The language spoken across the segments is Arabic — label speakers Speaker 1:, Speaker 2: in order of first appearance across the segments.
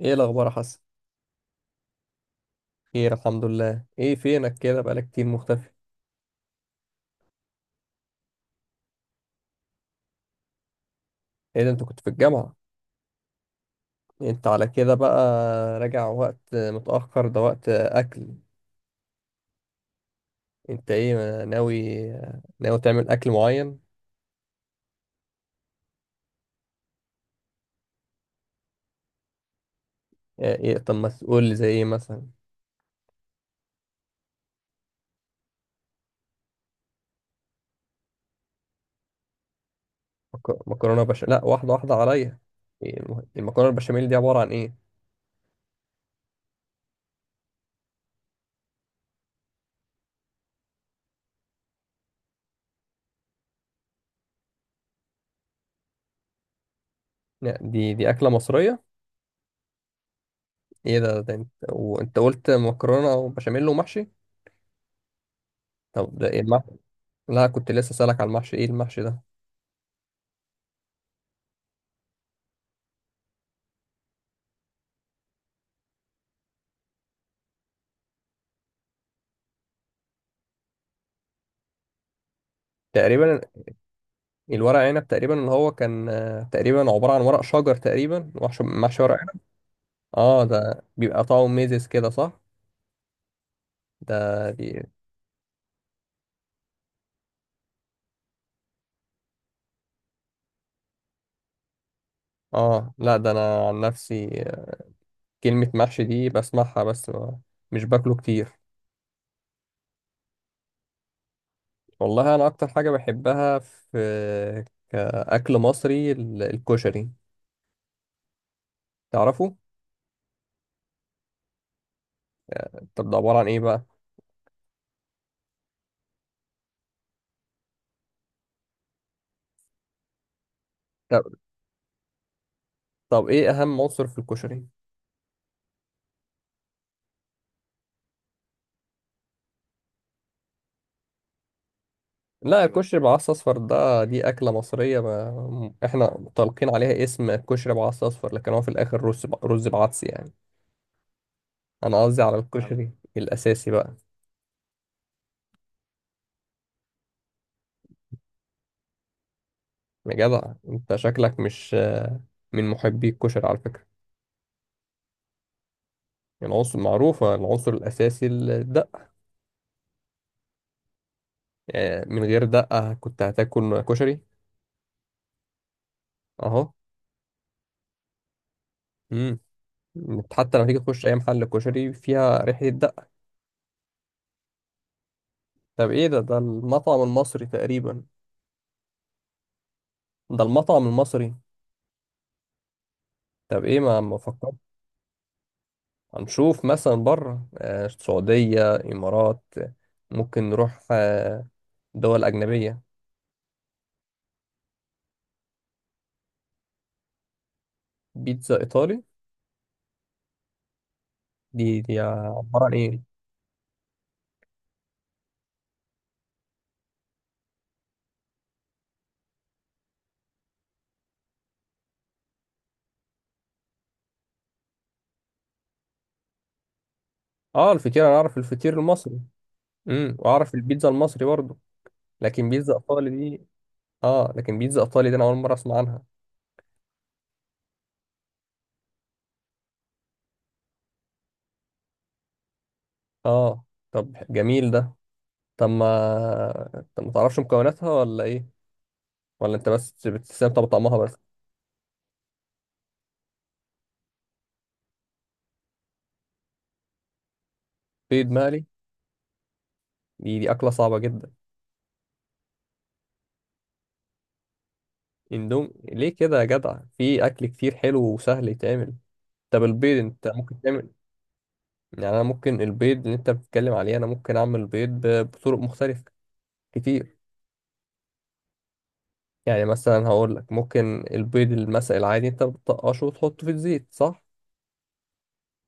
Speaker 1: ايه الاخبار يا حسن؟ خير الحمد لله. ايه فينك كده بقالك كتير مختفي؟ ايه ده، انت كنت في الجامعة؟ انت على كده بقى، راجع وقت متأخر ده وقت اكل؟ انت ايه ناوي، ناوي تعمل اكل معين؟ اه، ايه طب ما تقول لي زي ايه مثلا؟ مكرونة بشاميل؟ لا واحدة واحدة عليا. إيه المكرونة البشاميل دي عبارة عن ايه؟ لا، دي اكلة مصرية. ايه ده، ده انت وانت قلت مكرونة وبشاميل ومحشي. طب ده ايه المحشي؟ لا كنت لسه سألك على المحشي، ايه المحشي ده؟ تقريبا الورق عنب، تقريبا اللي هو كان تقريبا عبارة عن ورق شجر، تقريبا محشي ورق عنب. اه ده بيبقى طعمه ميزز كده، صح؟ ده دي. اه، لا ده انا عن نفسي، كلمة محشي دي بسمعها بس مش باكله كتير. والله انا اكتر حاجة بحبها في كأكل مصري الكشري، تعرفه؟ طب ده عبارة عن ايه بقى؟ طب, طب ايه اهم عنصر في الكشري؟ لا الكشري بعصس اصفر، ده دي اكله مصريه ما احنا طالقين عليها اسم كشري بعصس اصفر، لكن هو في الاخر رز رز بعدس يعني. انا قصدي على نعم، الكشري الاساسي بقى. يا جدع انت شكلك مش من محبي الكشري على فكره. العنصر معروفه، العنصر الاساسي الدقه. يعني من غير دقه كنت هتاكل كشري؟ اهو. امم، حتى لما تيجي تخش اي محل كشري فيها ريحه الدقه. طب ايه ده، ده المطعم المصري تقريبا. ده المطعم المصري. طب ايه، ما مفكرش؟ هنشوف مثلا بره، السعودية، إمارات، ممكن نروح، دول أجنبية. بيتزا إيطالي؟ دي دي عبارة عن إيه؟ آه الفطير، أنا أعرف الفطير المصري. امم، وأعرف البيتزا المصري برضه. لكن بيتزا إيطالي دي. آه لكن بيتزا إيطالي دي أنا أول مرة أسمع عنها. آه. طب جميل ده. طب ما طب ما تعرفش مكوناتها ولا إيه؟ ولا أنت بس بتستمتع بطعمها بس؟ بيض مقلي؟ دي دي أكلة صعبة جدا. اندومي ليه كده يا جدع، في اكل كتير حلو وسهل يتعمل. طب البيض انت ممكن تعمل. يعني انا ممكن البيض اللي انت بتتكلم عليه انا ممكن اعمل بيض بطرق مختلفة كتير. يعني مثلا هقول لك ممكن البيض المسلق العادي انت بتطقشه وتحطه في الزيت، صح؟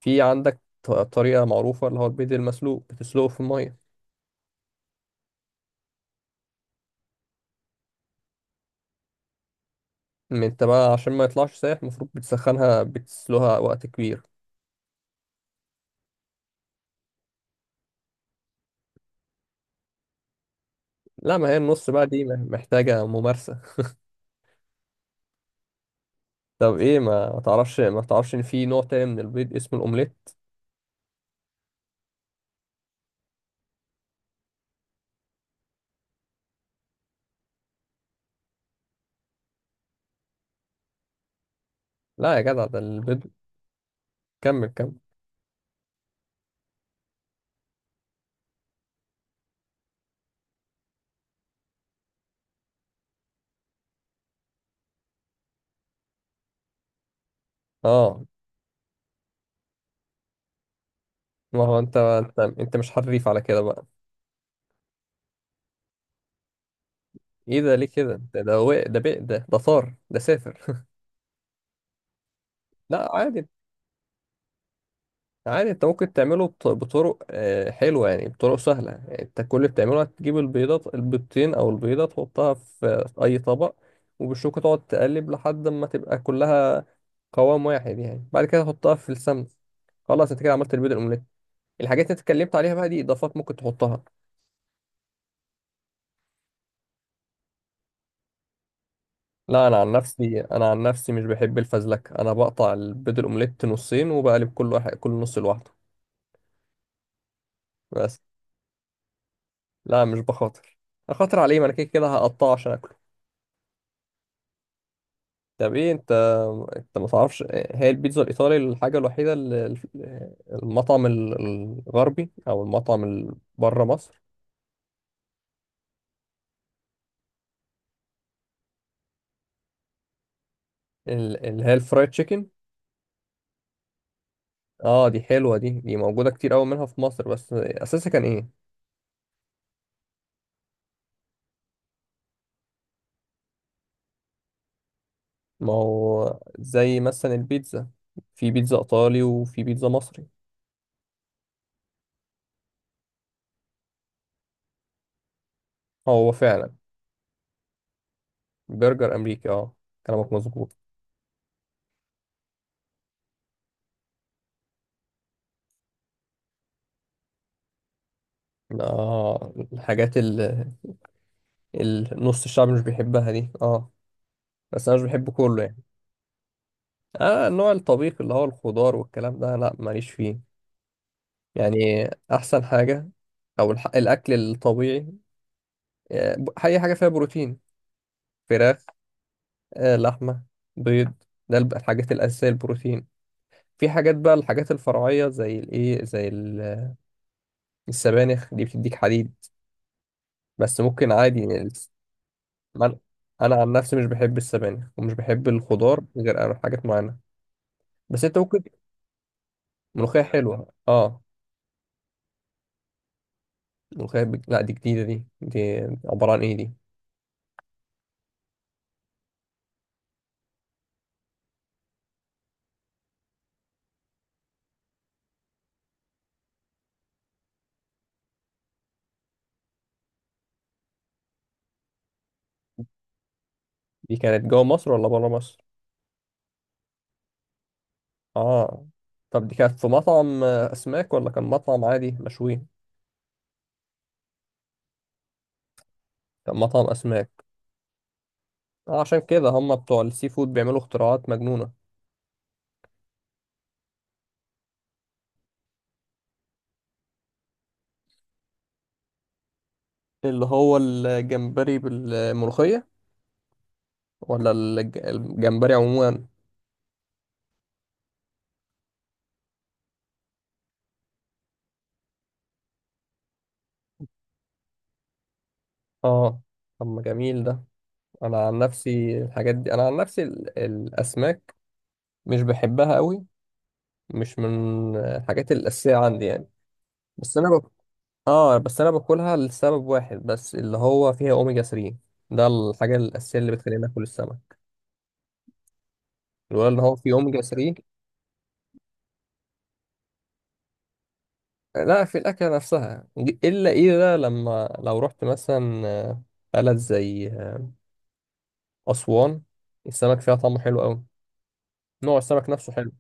Speaker 1: في عندك طريقة معروفة اللي هو البيض المسلوق بتسلقه في المية. انت بقى عشان ما يطلعش سايح المفروض بتسخنها بتسلقها وقت كبير. لا ما هي النص بقى دي محتاجة ممارسة. طب ايه، ما ما تعرفش، ما تعرفش ان في نوع تاني من البيض اسمه الاومليت؟ لا يا جدع ده البيض. كمل كمل. اه ما هو انت انت مش حريف على كده بقى. ايه ده ليه كده، ده ده ده ده ده طار ده سافر. لا عادي. عادي انت ممكن تعمله بطرق، حلوه يعني، بطرق سهله. يعني انت كل اللي بتعمله هتجيب البيضات البيضتين او البيضه، تحطها في اي طبق، وبالشوكه تقعد تقلب لحد ما تبقى كلها قوام واحد. يعني بعد كده تحطها في السمن، خلاص انت كده عملت البيض الاومليت. الحاجات اللي اتكلمت عليها بقى دي اضافات ممكن تحطها. لا انا عن نفسي، مش بحب الفزلكه، انا بقطع البيض الاومليت نصين وبقلب كل واحد، كل نص لوحده. بس. لا مش بخاطر، اخاطر عليه ما انا كده كده هقطعه عشان اكله. طب ايه انت، انت ما تعرفش هي البيتزا الايطالي الحاجه الوحيده اللي المطعم الغربي او المطعم بره مصر؟ اللي هي الفرايد تشيكن. اه دي حلوه، دي دي موجوده كتير قوي منها في مصر، بس اساسها كان ايه؟ ما هو زي مثلا البيتزا، في بيتزا ايطالي وفي بيتزا مصري. آه، هو فعلا. برجر امريكي، اه. كلامك مظبوط. اه الحاجات اللي نص الشعب مش بيحبها دي، اه. بس انا مش بحبه كله يعني. اه النوع الطبيخ اللي هو الخضار والكلام ده لا ماليش فيه. يعني احسن حاجة او الاكل الطبيعي، اي حاجة فيها بروتين: فراخ، لحمة، بيض. ده الحاجات الاساسية البروتين. في حاجات بقى الحاجات الفرعية زي الايه زي السبانخ دي بتديك حديد، بس ممكن عادي يعني من- انا عن نفسي مش بحب السبانخ ومش بحب الخضار غير حاجات معينة. بس انت ممكن. ملوخية حلوة، اه. ملوخية لا دي جديدة. دي دي عبارة عن ايه دي؟ دي كانت جوه مصر ولا بره مصر؟ اه. طب دي كانت في مطعم، اسماك، ولا كان مطعم عادي مشوي؟ كان مطعم اسماك. عشان كده هم بتوع السي فود بيعملوا اختراعات مجنونة. اللي هو الجمبري بالملوخية ولا الجمبري عموما؟ اه. طب ما جميل ده. انا عن نفسي الحاجات دي، انا عن نفسي الاسماك مش بحبها قوي، مش من الحاجات الاساسيه عندي يعني. بس انا اه بس انا باكلها لسبب واحد بس اللي هو فيها اوميجا 3. ده الحاجه الاساسيه اللي بتخليني اكل السمك، لولا ان هو فيه اوميجا 3. لا في الاكله نفسها. الا ايه ده، لما لو رحت مثلا بلد زي اسوان، السمك فيها طعمه حلو قوي، نوع السمك نفسه حلو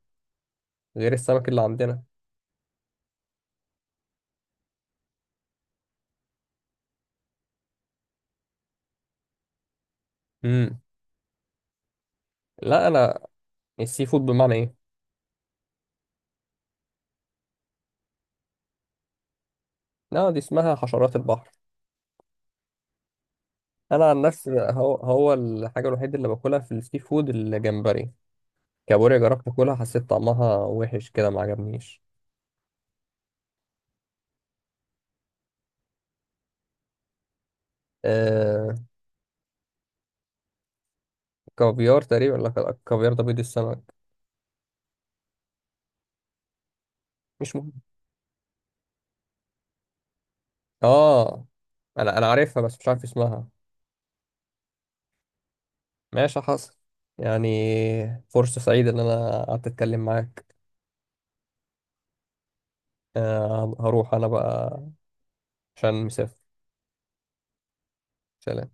Speaker 1: غير السمك اللي عندنا. امم. لا انا، السي فود بمعنى ايه؟ لا دي اسمها حشرات البحر. انا عن نفسي هو هو الحاجه الوحيده اللي باكلها في السي فود الجمبري. كابوريا جربت اكلها حسيت طعمها وحش كده ما عجبنيش. آه كافيار تقريبا. لا الكافيار ده بيض السمك. مش مهم. اه انا انا عارفها بس مش عارف اسمها. ماشي حصل. يعني فرصه سعيده ان انا قعدت اتكلم معاك. آه هروح انا بقى عشان مسافر. سلام.